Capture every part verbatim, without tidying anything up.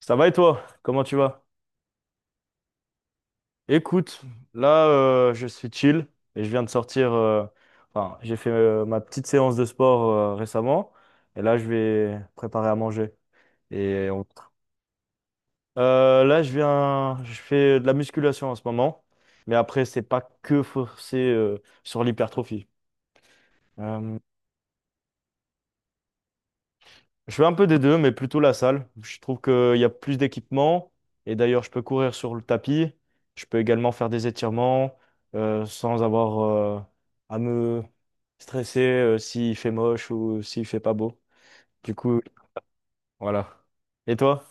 Ça va et toi? Comment tu vas? Écoute, là euh, je suis chill et je viens de sortir. euh, enfin, j'ai fait euh, ma petite séance de sport euh, récemment, et là je vais préparer à manger. Et on- Euh, là je viens, je fais de la musculation en ce moment, mais après c'est pas que forcé euh, sur l'hypertrophie. Euh, Je fais un peu des deux, mais plutôt la salle. Je trouve qu'il y a plus d'équipements. Et d'ailleurs, je peux courir sur le tapis. Je peux également faire des étirements euh, sans avoir euh, à me stresser euh, s'il fait moche ou s'il fait pas beau. Du coup, voilà. Et toi,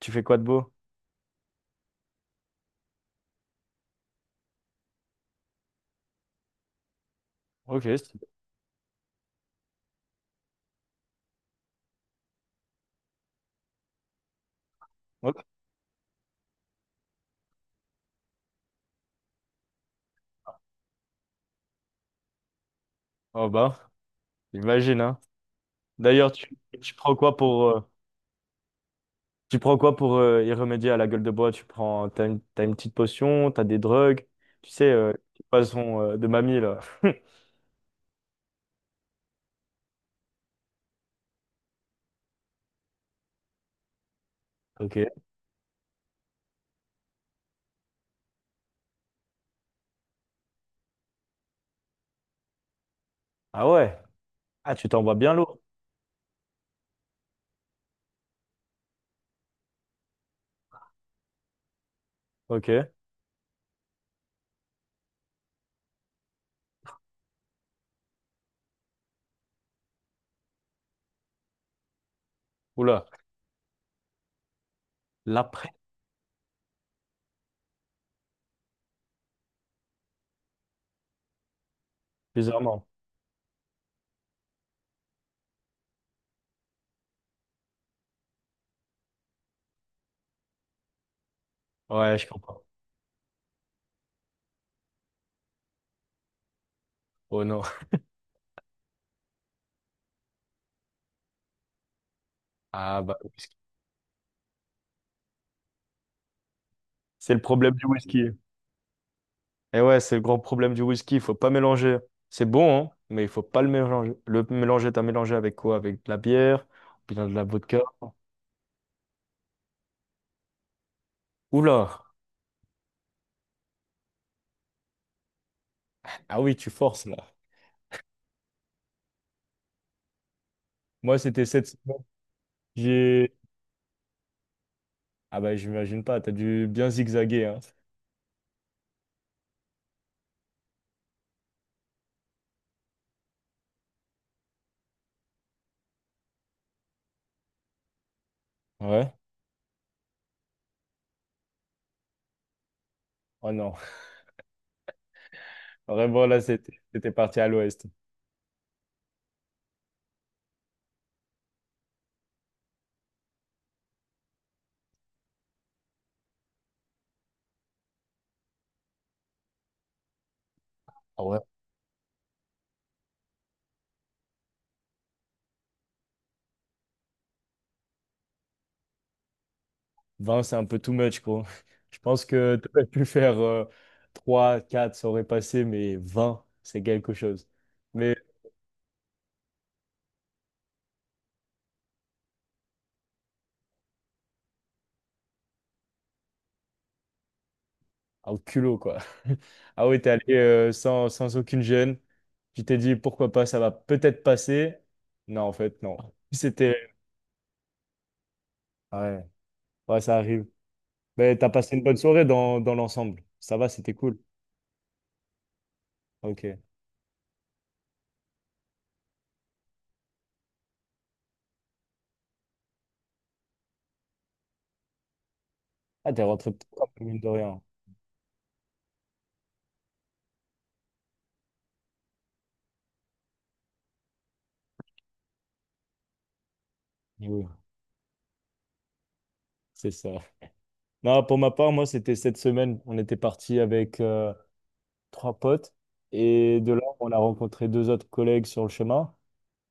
tu fais quoi de beau? Ok. c'est- Oh, oh bah, j'imagine, hein. D'ailleurs, tu, tu prends quoi pour? Tu prends quoi pour euh, y remédier à la gueule de bois? Tu prends, t'as une, t'as une petite potion, t'as des drogues, tu sais, euh, qui façon euh, de mamie là. Ok. Ah ouais. Ah, tu t'envoies bien lourd. Ok. Oula. L'après, bizarrement. Ouais, je comprends. Oh non. Ah bah, le whisky. C'est le problème du whisky. Et ouais, c'est le grand problème du whisky. Il faut pas mélanger. C'est bon, hein, mais il faut pas le mélanger. Le mélanger, t'as mélangé avec quoi? Avec de la bière, ou bien de la vodka. Oula. Ah oui, tu forces là. Moi, c'était cette semaine. J'ai Ah bah, j'imagine pas, t'as dû bien zigzaguer, hein. Ouais. Oh non. Vraiment là, c'était c'était parti à l'ouest. Ah ouais. Vingt, c'est un peu too much, quoi. Je pense que t'aurais pu faire euh, trois, quatre, ça aurait passé, mais vingt, c'est quelque chose. Mais ah, au culot, quoi. Ah oui, t'es allé euh, sans, sans aucune gêne. Tu t'es dit, pourquoi pas, ça va peut-être passer. Non, en fait, non. C'était... Ouais, ouais, ça arrive. Mais t'as passé une bonne soirée dans, dans l'ensemble. Ça va, c'était cool. Ok. Ah, t'es rentré tôt, quand mine de rien. Oui, c'est ça. Non, pour ma part, moi, c'était cette semaine. On était parti avec euh, trois potes. Et de là, on a rencontré deux autres collègues sur le chemin.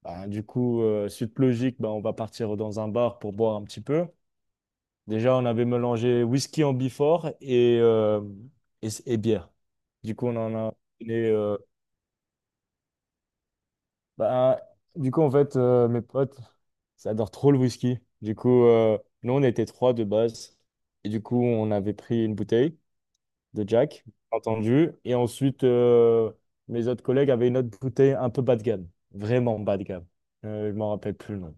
Ben, du coup, euh, suite logique, ben, on va partir dans un bar pour boire un petit peu. Déjà, on avait mélangé whisky en Bifort et, euh, et, et bière. Du coup, on en a donné. Bah, du coup, en fait, euh, mes potes, ça adore trop le whisky. Du coup, euh, nous, on était trois de base. Et du coup, on avait pris une bouteille de Jack, bien entendu. Et ensuite, euh, mes autres collègues avaient une autre bouteille un peu bas de gamme. Vraiment bas de gamme. Euh, je m'en rappelle plus le nom.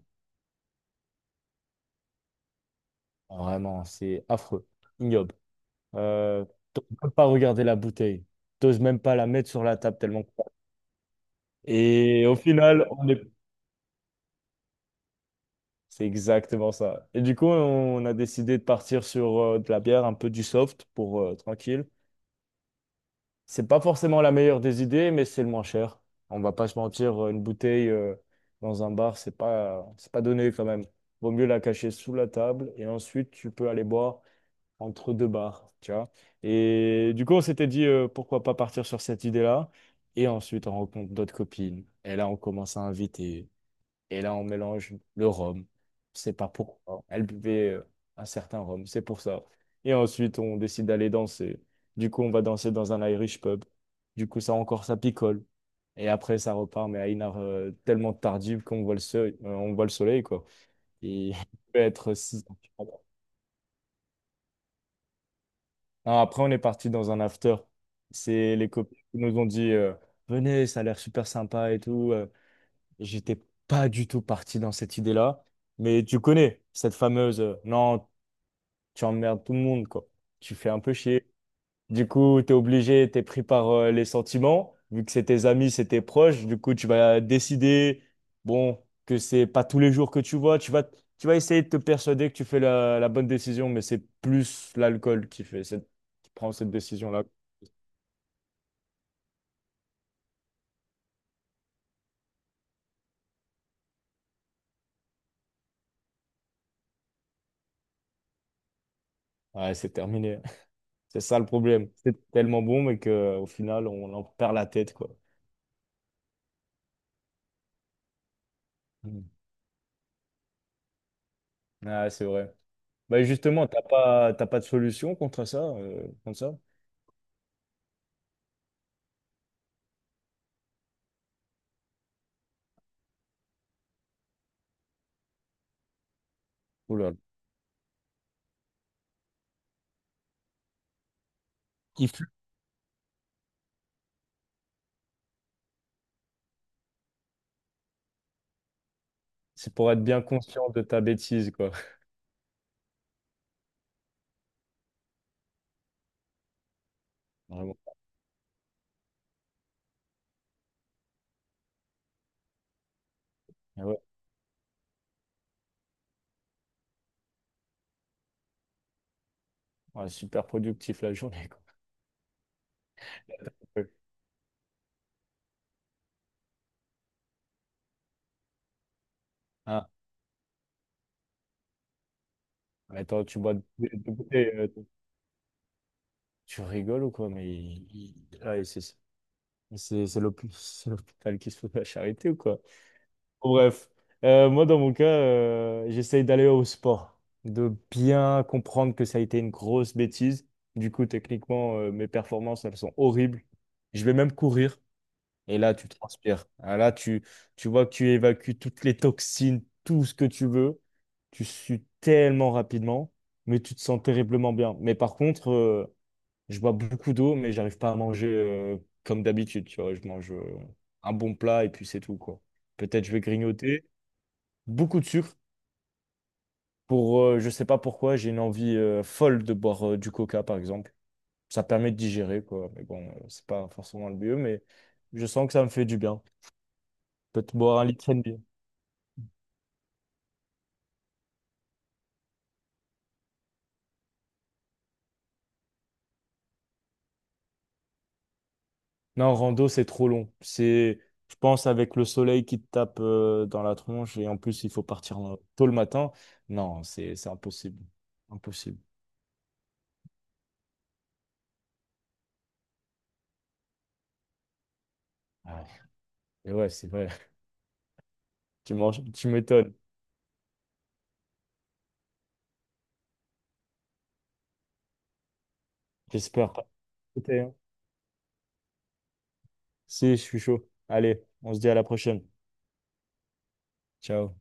Vraiment, c'est affreux, ignoble. Euh, T'oses même pas regarder la bouteille. T'oses même pas la mettre sur la table tellement. Et au final, on est. C'est exactement ça. Et du coup, on a décidé de partir sur euh, de la bière, un peu du soft pour euh, tranquille. C'est pas forcément la meilleure des idées, mais c'est le moins cher. On va pas se mentir, euh, une bouteille euh, dans un bar, c'est pas, c'est pas donné quand même. Vaut mieux la cacher sous la table et ensuite tu peux aller boire entre deux bars, tu vois. Et du coup, on s'était dit euh, pourquoi pas partir sur cette idée-là. Et ensuite, on rencontre d'autres copines. Et là, on commence à inviter. Et là, on mélange le rhum. C'est pas pourquoi. Elle buvait euh, un certain rhum, c'est pour ça. Et ensuite, on décide d'aller danser. Du coup, on va danser dans un Irish pub. Du coup, ça encore, ça picole. Et après, ça repart, mais à une heure euh, tellement tardive qu'on voit le soleil, euh, on voit le soleil, quoi. Et il peut être six heures du matin. Non, après, on est parti dans un after. C'est les copines qui nous ont dit euh, Venez, ça a l'air super sympa et tout. euh. J'étais pas du tout parti dans cette idée-là, mais tu connais cette fameuse euh, non, tu emmerdes tout le monde, quoi. Tu fais un peu chier. Du coup, t'es obligé, t'es pris par euh, les sentiments, vu que c'est tes amis, c'est tes proches. Du coup, tu vas décider, bon, que c'est pas tous les jours que tu vois. Tu vas, tu vas, essayer de te persuader que tu fais la, la bonne décision, mais c'est plus l'alcool qui fait cette, qui prend cette décision-là. Ouais, c'est terminé. C'est ça le problème. C'est tellement bon, mais que au final, on en perd la tête, quoi. Ah, c'est vrai. Bah justement, t'as pas, t'as pas de solution contre ça, euh, contre ça? Ouh là là. Il faut- C'est pour être bien conscient de ta bêtise, quoi. Vraiment. Ah ouais. Ouais, super productif la journée, quoi. Ouais. Ah, mais attends, tu bois de- de bouteilles, euh, tu rigoles ou quoi? Mais il- il- ah, et c'est c'est c'est l'hôp- c'est l'hôpital qui se fout de la charité ou quoi? Bon, bref. Euh, moi dans mon cas, euh, j'essaye d'aller au sport, de bien comprendre que ça a été une grosse bêtise. Du coup, techniquement, euh, mes performances, elles sont horribles. Je vais même courir et là, tu transpires. Ah, là, tu, tu vois que tu évacues toutes les toxines, tout ce que tu veux. Tu sues tellement rapidement, mais tu te sens terriblement bien. Mais par contre, euh, je bois beaucoup d'eau, mais j'arrive pas à manger euh, comme d'habitude. Tu vois, je mange euh, un bon plat et puis c'est tout, quoi. Peut-être je vais grignoter beaucoup de sucre. Pour, euh, je sais pas pourquoi, j'ai une envie euh, folle de boire euh, du coca, par exemple. Ça permet de digérer, quoi. Mais bon, euh, c'est pas forcément le mieux, mais je sens que ça me fait du bien. Peut-être boire un litre et demi. Non, rando, c'est trop long. C'est, je pense, avec le soleil qui te tape euh, dans la tronche et en plus, il faut partir euh, tôt le matin. Non, c'est, c'est impossible. Impossible. Ah, et ouais, c'est vrai. Tu manges, tu m'étonnes. J'espère pas. Ok, hein. Si, je suis chaud. Allez, on se dit à la prochaine. Ciao.